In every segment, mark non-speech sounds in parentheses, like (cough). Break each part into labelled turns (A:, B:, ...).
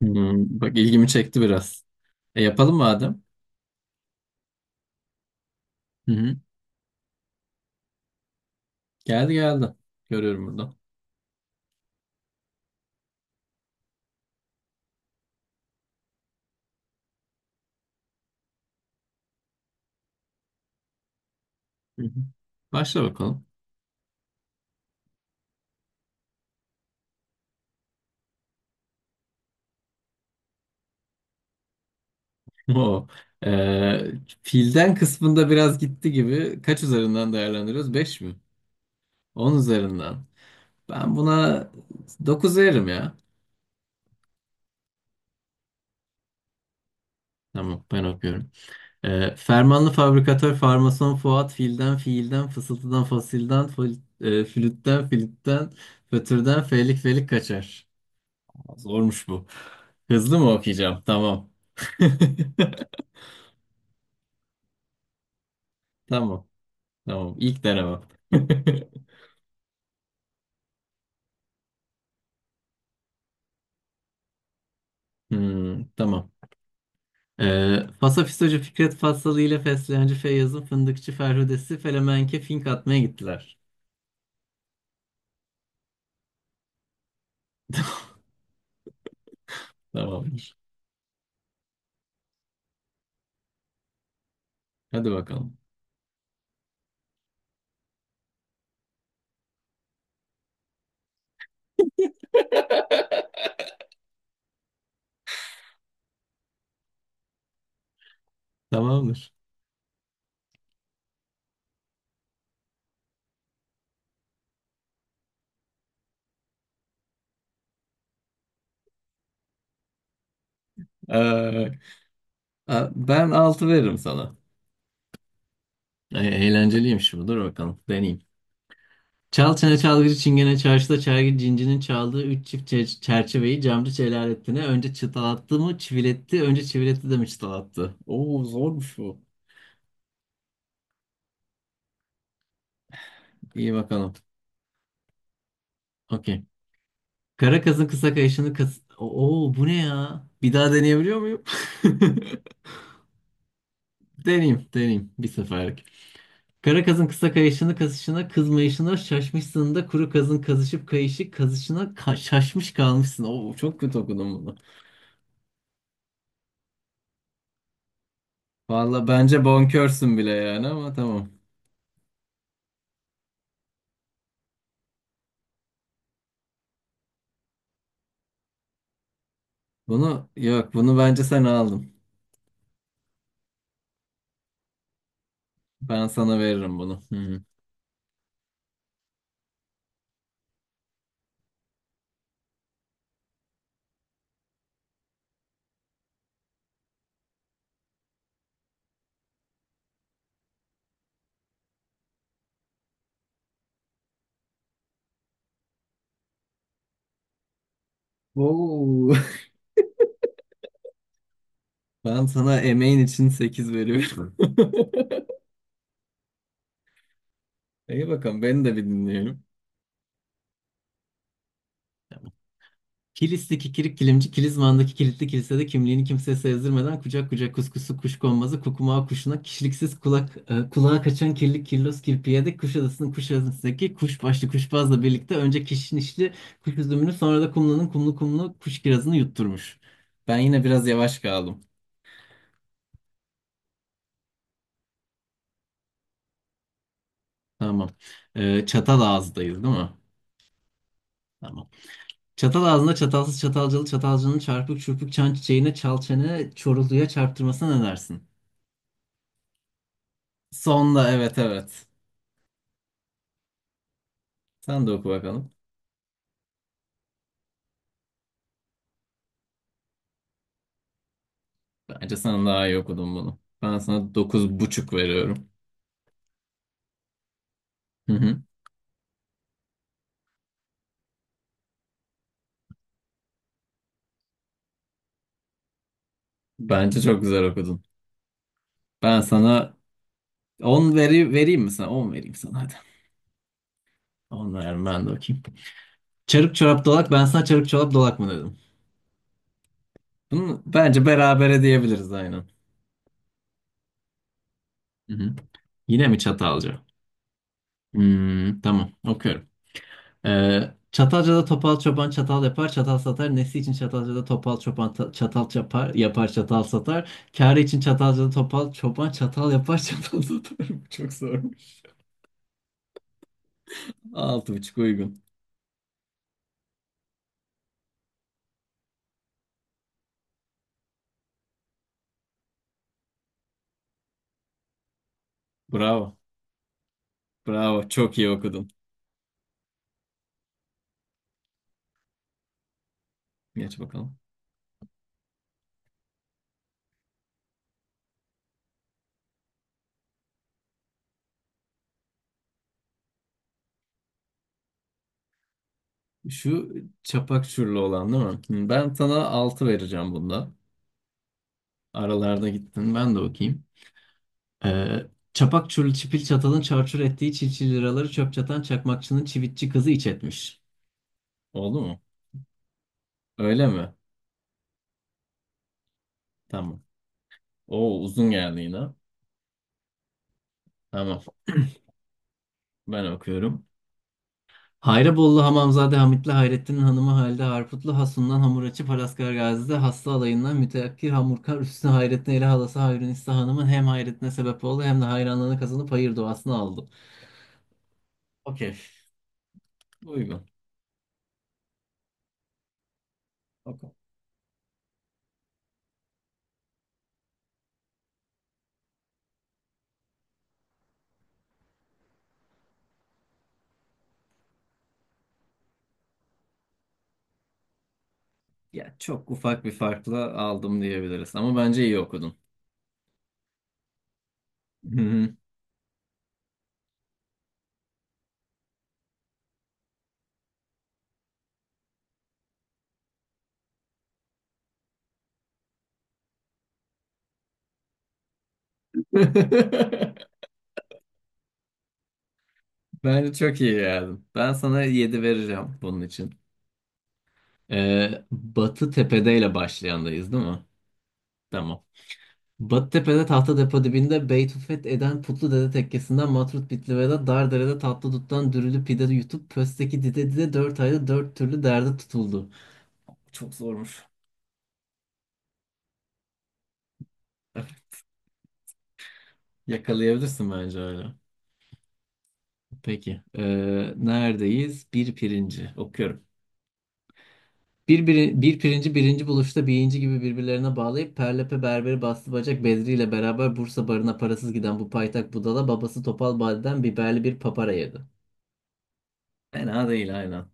A: Hmm, bak ilgimi çekti biraz. E yapalım madem. Hı hı. Geldi geldi. Görüyorum burada. Hı hı. Başla bakalım. (laughs) Oo. Ee, filden kısmında biraz gitti gibi. Kaç üzerinden değerlendiriyoruz? 5 mi? 10 üzerinden. Ben buna 9 veririm ya. Tamam ben okuyorum. Fermanlı fabrikatör farmason Fuat filden fiilden fısıltıdan fasilden flütten filitten fötürden felik felik kaçar. Zormuş bu. Hızlı mı okuyacağım? Tamam. (laughs) Tamam. Tamam. İlk denemem. (laughs) Hmm, tamam. Fasafisocu Fikret Fassalı ile Fesleğenci Feyyaz'ın Fındıkçı Ferhudesi Felemenke fink atmaya gittiler. Tamamdır. Hadi bakalım. Tamamdır. Ee, Ben altı veririm sana. Eğlenceliymiş bu. Dur bakalım. Deneyeyim. Çal çene çalgıcı çingene çarşıda çergi cincinin çaldığı üç çift çerçeveyi camcı Celalettin'e önce çıtalattı mı çiviletti önce çiviletti de mi çıtalattı? Oo zormuş bu. İyi bakalım. Okey. Kara kazın kısa kayışını kas... Oo bu ne ya? Bir daha deneyebiliyor muyum? (laughs) Deneyeyim deneyeyim bir seferlik. Kara kazın kısa kayışını kasışına kızmayışına şaşmışsın da kuru kazın kazışıp kayışı kazışına şaşmış kalmışsın. Oo çok kötü okudum bunu. Valla bence bonkörsün bile yani ama tamam. Bunu yok bunu bence sen aldın. Ben sana veririm bunu. Hı. Hı. Oo. (laughs) Ben sana emeğin için 8 veriyorum. (laughs) İyi bakalım beni de bir dinleyelim. Kilis'teki kikirik kilimci Kilizman'daki kilitli kilisede kimliğini kimseye sezdirmeden kucak kucak kuskusu kuş konmazı kukumağı kuşuna kişiliksiz kulağa kaçan kirli kirlos kirpiyede Kuşadası'ndaki kuş başlı kuşbazla birlikte önce kişnişli kuş üzümünü sonra da kumlanın kumlu kumlu kuş kirazını yutturmuş. Ben yine biraz yavaş kaldım. Tamam. Çatal ağızdayız değil mi? Tamam. Çatal ağzında çatalsız çatalcılı çatalcının çarpık çırpık çan çiçeğine çal çene çoruluya çarptırmasına ne dersin? Sonda evet evet. Sen de oku bakalım. Bence sen daha iyi okudun bunu. Ben sana 9,5 veriyorum. Hı hı. Bence çok güzel okudun. Ben sana 10 vereyim mi sana? 10 vereyim sana hadi. 10 veririm ben de okuyayım. Çarık çorap dolak ben sana çarık çorap dolak mı dedim? Bunu bence berabere diyebiliriz aynen. Hı hı. Yine mi çatalca? Hmm, tamam okuyorum. Çatalca'da topal çoban çatal yapar, çatal satar. Nesi için Çatalca'da topal çoban çatal yapar, yapar çatal satar. Kârı için Çatalca'da topal çoban çatal yapar, (laughs) çatal satar. Bu çok zormuş. 6,5 uygun. Bravo. Bravo. Çok iyi okudun. Geç bakalım. Şu çapak çürlü olan değil mi? Hı, ben sana 6 vereceğim bunda. Aralarda gittin ben de okuyayım. Ee, çapak çürlü çipil çatalın çarçur ettiği çilçil liraları çöp çatan çakmakçının çivitçi kızı iç etmiş. Oldu mu? Öyle mi? Tamam. O uzun geldi yine. Tamam. Ben okuyorum. Hayrabollu Hamamzade Hamitli Hayrettin Hanımı Halide Harputlu Hasun'dan hamuracı açıp Gazi'de Hasta alayından müteakkir Hamurkar Üstüne Hayrettin Eli Halası Hayrünisa Hanım'ın hem hayretine sebep oldu hem de hayranlığını kazanıp hayır duasını aldı. Okey. Uygun. Okey. Ya çok ufak bir farkla aldım diyebiliriz ama bence iyi okudun. Hı hı. (laughs) Bence çok iyi geldim. Ben sana 7 vereceğim bunun için. Batı Tepe'deyle başlayandayız değil mi? Tamam. Batıtepe'de tahta depo dibinde Beytufet eden Putlu Dede tekkesinden Matrut Bitlive'de Dardere'de tatlı duttan dürülü pide yutup pösteki dide dide 4 ayda 4 türlü derde tutuldu. Çok zormuş. Yakalayabilirsin bence hala. Peki. Neredeyiz? Bir pirinci. Okuyorum. Bir pirinci birinci buluşta birinci gibi birbirlerine bağlayıp Perlepe Berberi Bastı Bacak Bedri ile beraber Bursa barına parasız giden bu paytak budala babası Topal Badi'den biberli bir papara yedi. Fena değil aynen.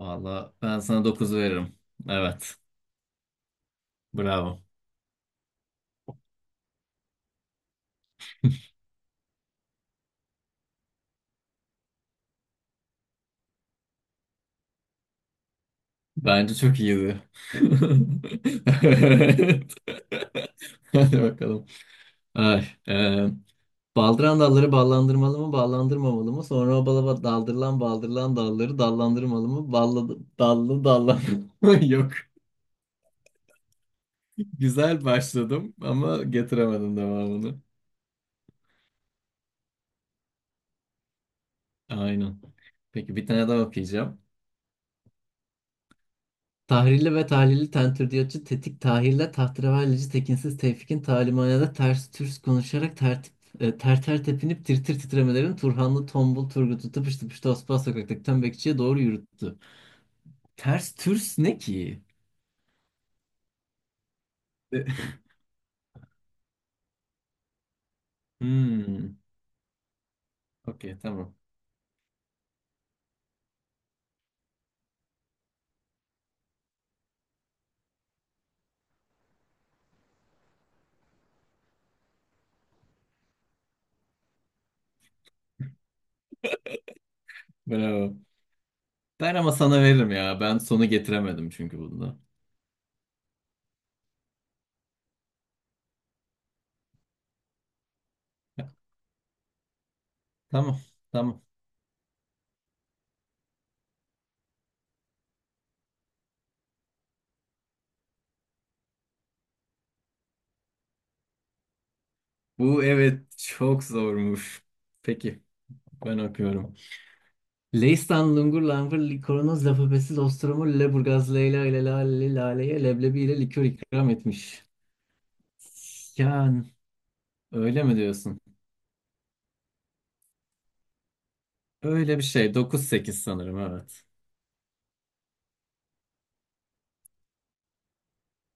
A: Valla ben sana 9 veririm. Evet. Bravo. Bence çok iyiydi. (laughs) Evet. (laughs) Hadi bakalım. Ay, baldıran dalları ballandırmalı mı, ballandırmamalı mı? Sonra o bala daldırılan baldırılan dalları dallandırmalı mı? Ballı dallı dallandırmalı mı? (laughs) Yok. Güzel başladım ama getiremedim devamını. Aynen. Peki bir tane daha okuyacağım. Tahrilli ve tahlilli tentürdiyatçı Tetik Tahir'le tahterevallici Tekinsiz Tevfik'in talimanede ters türs konuşarak tertip, ter ter tepinip tir tir titremelerin Turhanlı Tombul Turgut'u tıpış tıpış Tosbağ sokaktaki tembekçiye doğru yürüttü. Ters türs ne ki? E, Hmm. Okey tamam. Bravo. Ben ama sana veririm ya. Ben sonu getiremedim çünkü bunda. Tamam. Tamam. Bu evet çok zormuş. Peki. Ben okuyorum. Leistan lungur langur likoronoz lafabesiz ostromur leburgaz leyla ile lale laleye leblebi ile likör ikram etmiş. Yani öyle mi diyorsun? Öyle bir şey. 9-8 sanırım evet.